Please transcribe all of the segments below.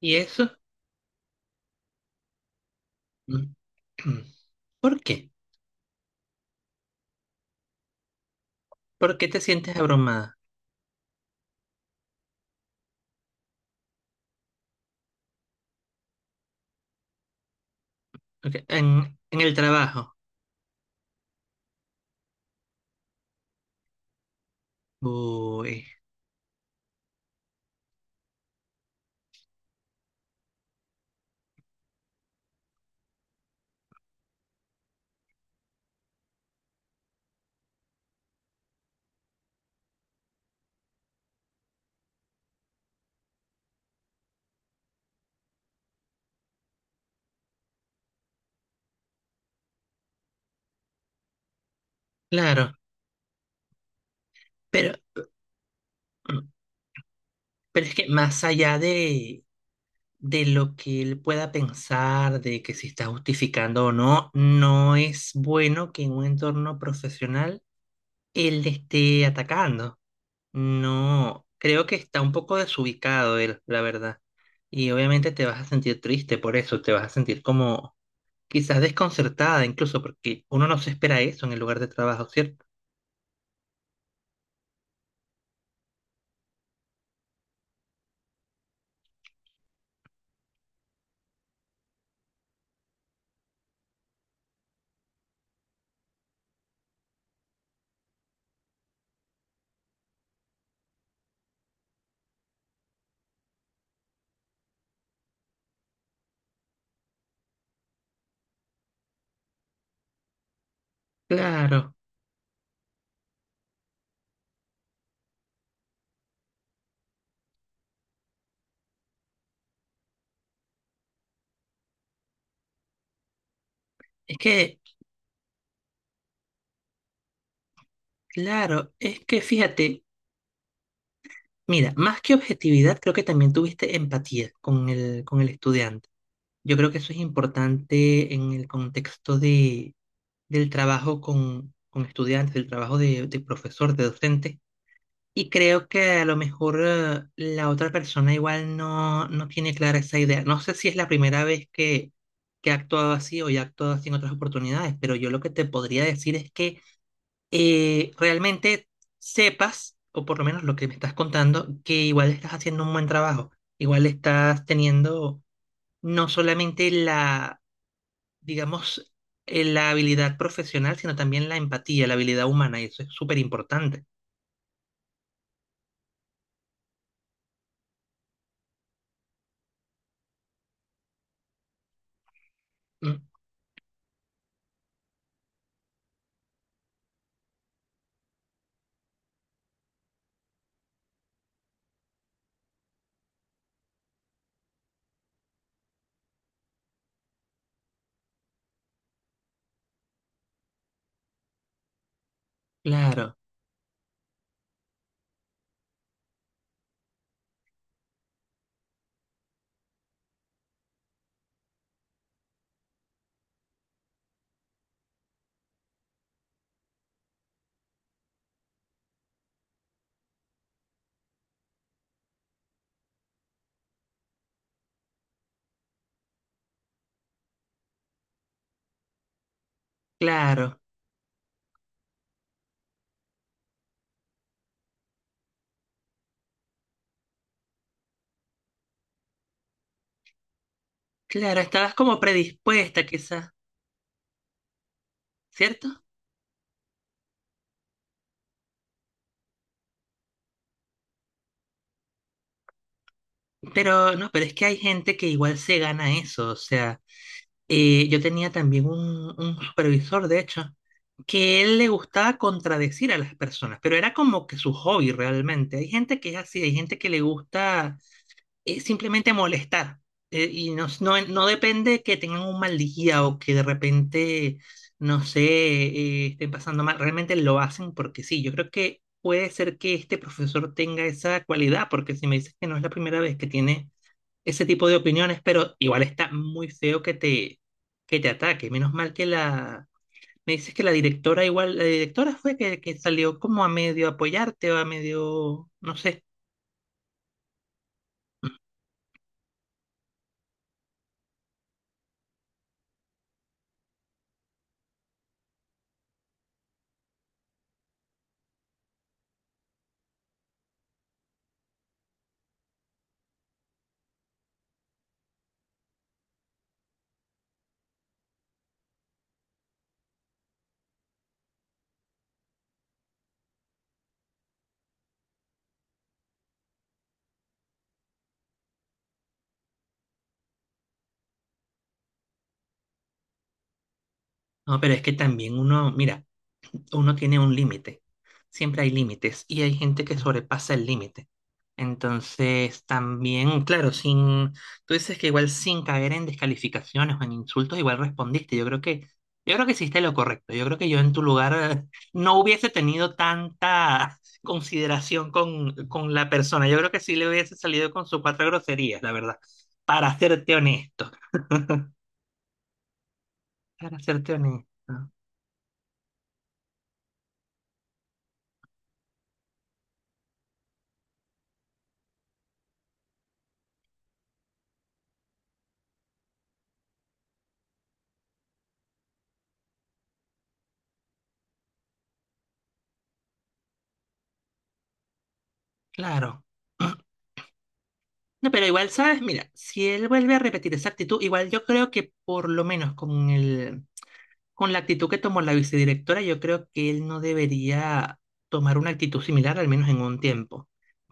¿Y eso? Mm. ¿Por qué? ¿Por qué te sientes abrumada? Ok, en el trabajo. Uy, claro, pero, mm, pero es que más allá de lo que él pueda pensar, de que si está justificando o no, no es bueno que en un entorno profesional él le esté atacando. No, creo que está un poco desubicado él, la verdad. Y obviamente te vas a sentir triste por eso, te vas a sentir como... quizás desconcertada incluso, porque uno no se espera eso en el lugar de trabajo, ¿cierto? Claro, es que, claro, es que fíjate, mira, más que objetividad, creo que también tuviste empatía con el estudiante. Yo creo que eso es importante en el contexto del trabajo con estudiantes, del trabajo de profesor, de docente. Y creo que a lo mejor la otra persona igual no tiene clara esa idea. No sé si es la primera vez que ha actuado así o ya ha actuado así en otras oportunidades, pero yo lo que te podría decir es que realmente sepas, o por lo menos lo que me estás contando, que igual estás haciendo un buen trabajo. Igual estás teniendo no solamente digamos, la habilidad profesional, sino también la empatía, la habilidad humana, y eso es súper importante. Mm, claro, claro. Claro, estabas como predispuesta quizás, ¿cierto? Pero no, pero es que hay gente que igual se gana eso. O sea, yo tenía también un supervisor, de hecho, que él le gustaba contradecir a las personas, pero era como que su hobby realmente. Hay gente que es así, hay gente que le gusta es simplemente molestar. Y no depende que tengan un mal día o que de repente, no sé, estén pasando mal. Realmente lo hacen porque sí. Yo creo que puede ser que este profesor tenga esa cualidad, porque si me dices que no es la primera vez que tiene ese tipo de opiniones, pero igual está muy feo que te ataque. Menos mal que la... Me dices que la directora igual, la directora fue que salió como a medio apoyarte o a medio, no sé. No, pero es que también uno, mira. Uno tiene un límite. Siempre hay límites y hay gente que sobrepasa el límite. Entonces, también, claro, sin, tú dices que igual sin caer en descalificaciones o en insultos, igual respondiste. Yo creo que hiciste lo correcto. Yo creo que yo en tu lugar eh, no hubiese tenido tanta consideración con la persona. Yo creo que sí le hubiese salido con sus cuatro groserías, la verdad. Para serte honesto. Para serte honesto. Claro. No, pero igual, ¿sabes? Mira, si él vuelve a repetir esa actitud, igual yo creo que por lo menos con la actitud que tomó la vicedirectora, yo creo que él no debería tomar una actitud similar, al menos en un tiempo.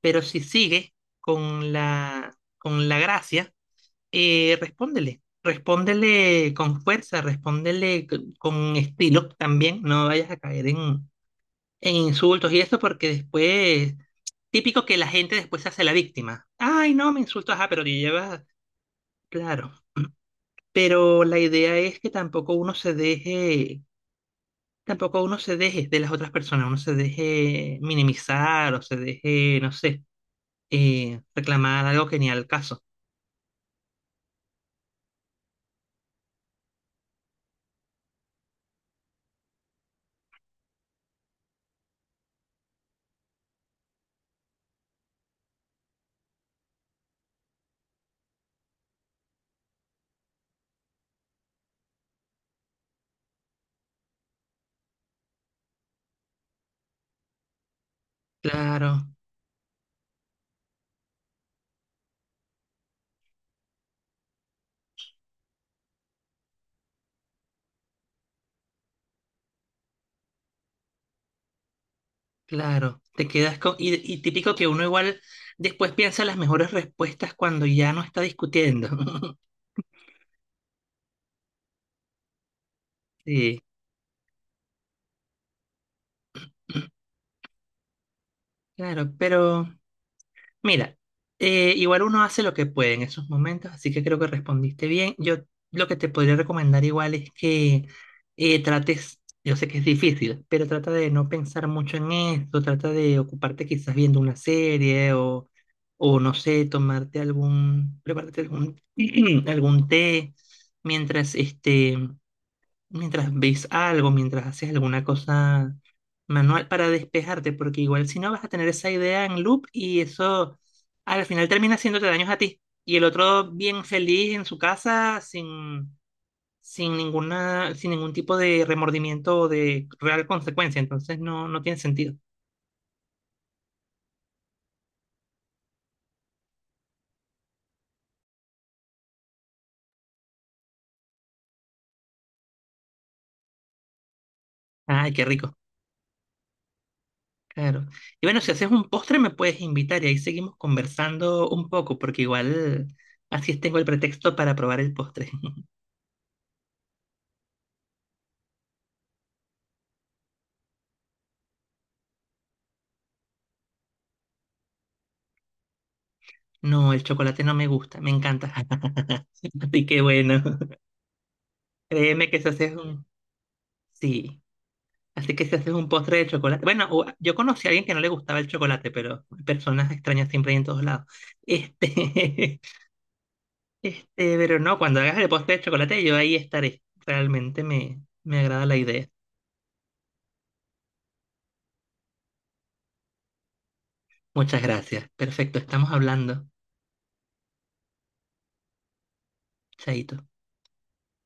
Pero si sigue con la gracia, respóndele. Respóndele con fuerza, respóndele con estilo también. No vayas a caer en insultos y eso, porque después, típico que la gente después se hace la víctima. Ay, no, me insultas, ah, pero te llevas claro, pero la idea es que tampoco uno se deje, tampoco uno se deje de las otras personas, uno se deje minimizar o se deje, no sé, reclamar algo que ni al caso. Claro, claro, te quedas con... Y, y típico que uno igual después piensa las mejores respuestas cuando ya no está discutiendo. Sí, claro, pero... Mira, igual uno hace lo que puede en esos momentos, así que creo que respondiste bien. Yo lo que te podría recomendar igual es que trates, yo sé que es difícil, pero trata de no pensar mucho en esto, trata de ocuparte quizás viendo una serie o no sé, tomarte algún, prepararte algún, algún té mientras este mientras ves algo, mientras haces alguna cosa manual para despejarte, porque igual si no vas a tener esa idea en loop y eso al final termina haciéndote daños a ti. Y el otro bien feliz en su casa sin, sin ninguna, sin ningún tipo de remordimiento o de real consecuencia, entonces no, no tiene sentido. Ay, qué rico. Claro. Y bueno, si haces un postre me puedes invitar y ahí seguimos conversando un poco, porque igual así tengo el pretexto para probar el postre. No, el chocolate no me gusta, me encanta. Así que bueno, créeme que si haces un... Sí, así que si haces un postre de chocolate... Bueno, yo conocí a alguien que no le gustaba el chocolate, pero hay personas extrañas siempre hay en todos lados. Este, pero no, cuando hagas el postre de chocolate yo ahí estaré. Me agrada la idea. Muchas gracias. Perfecto, estamos hablando. Chaito.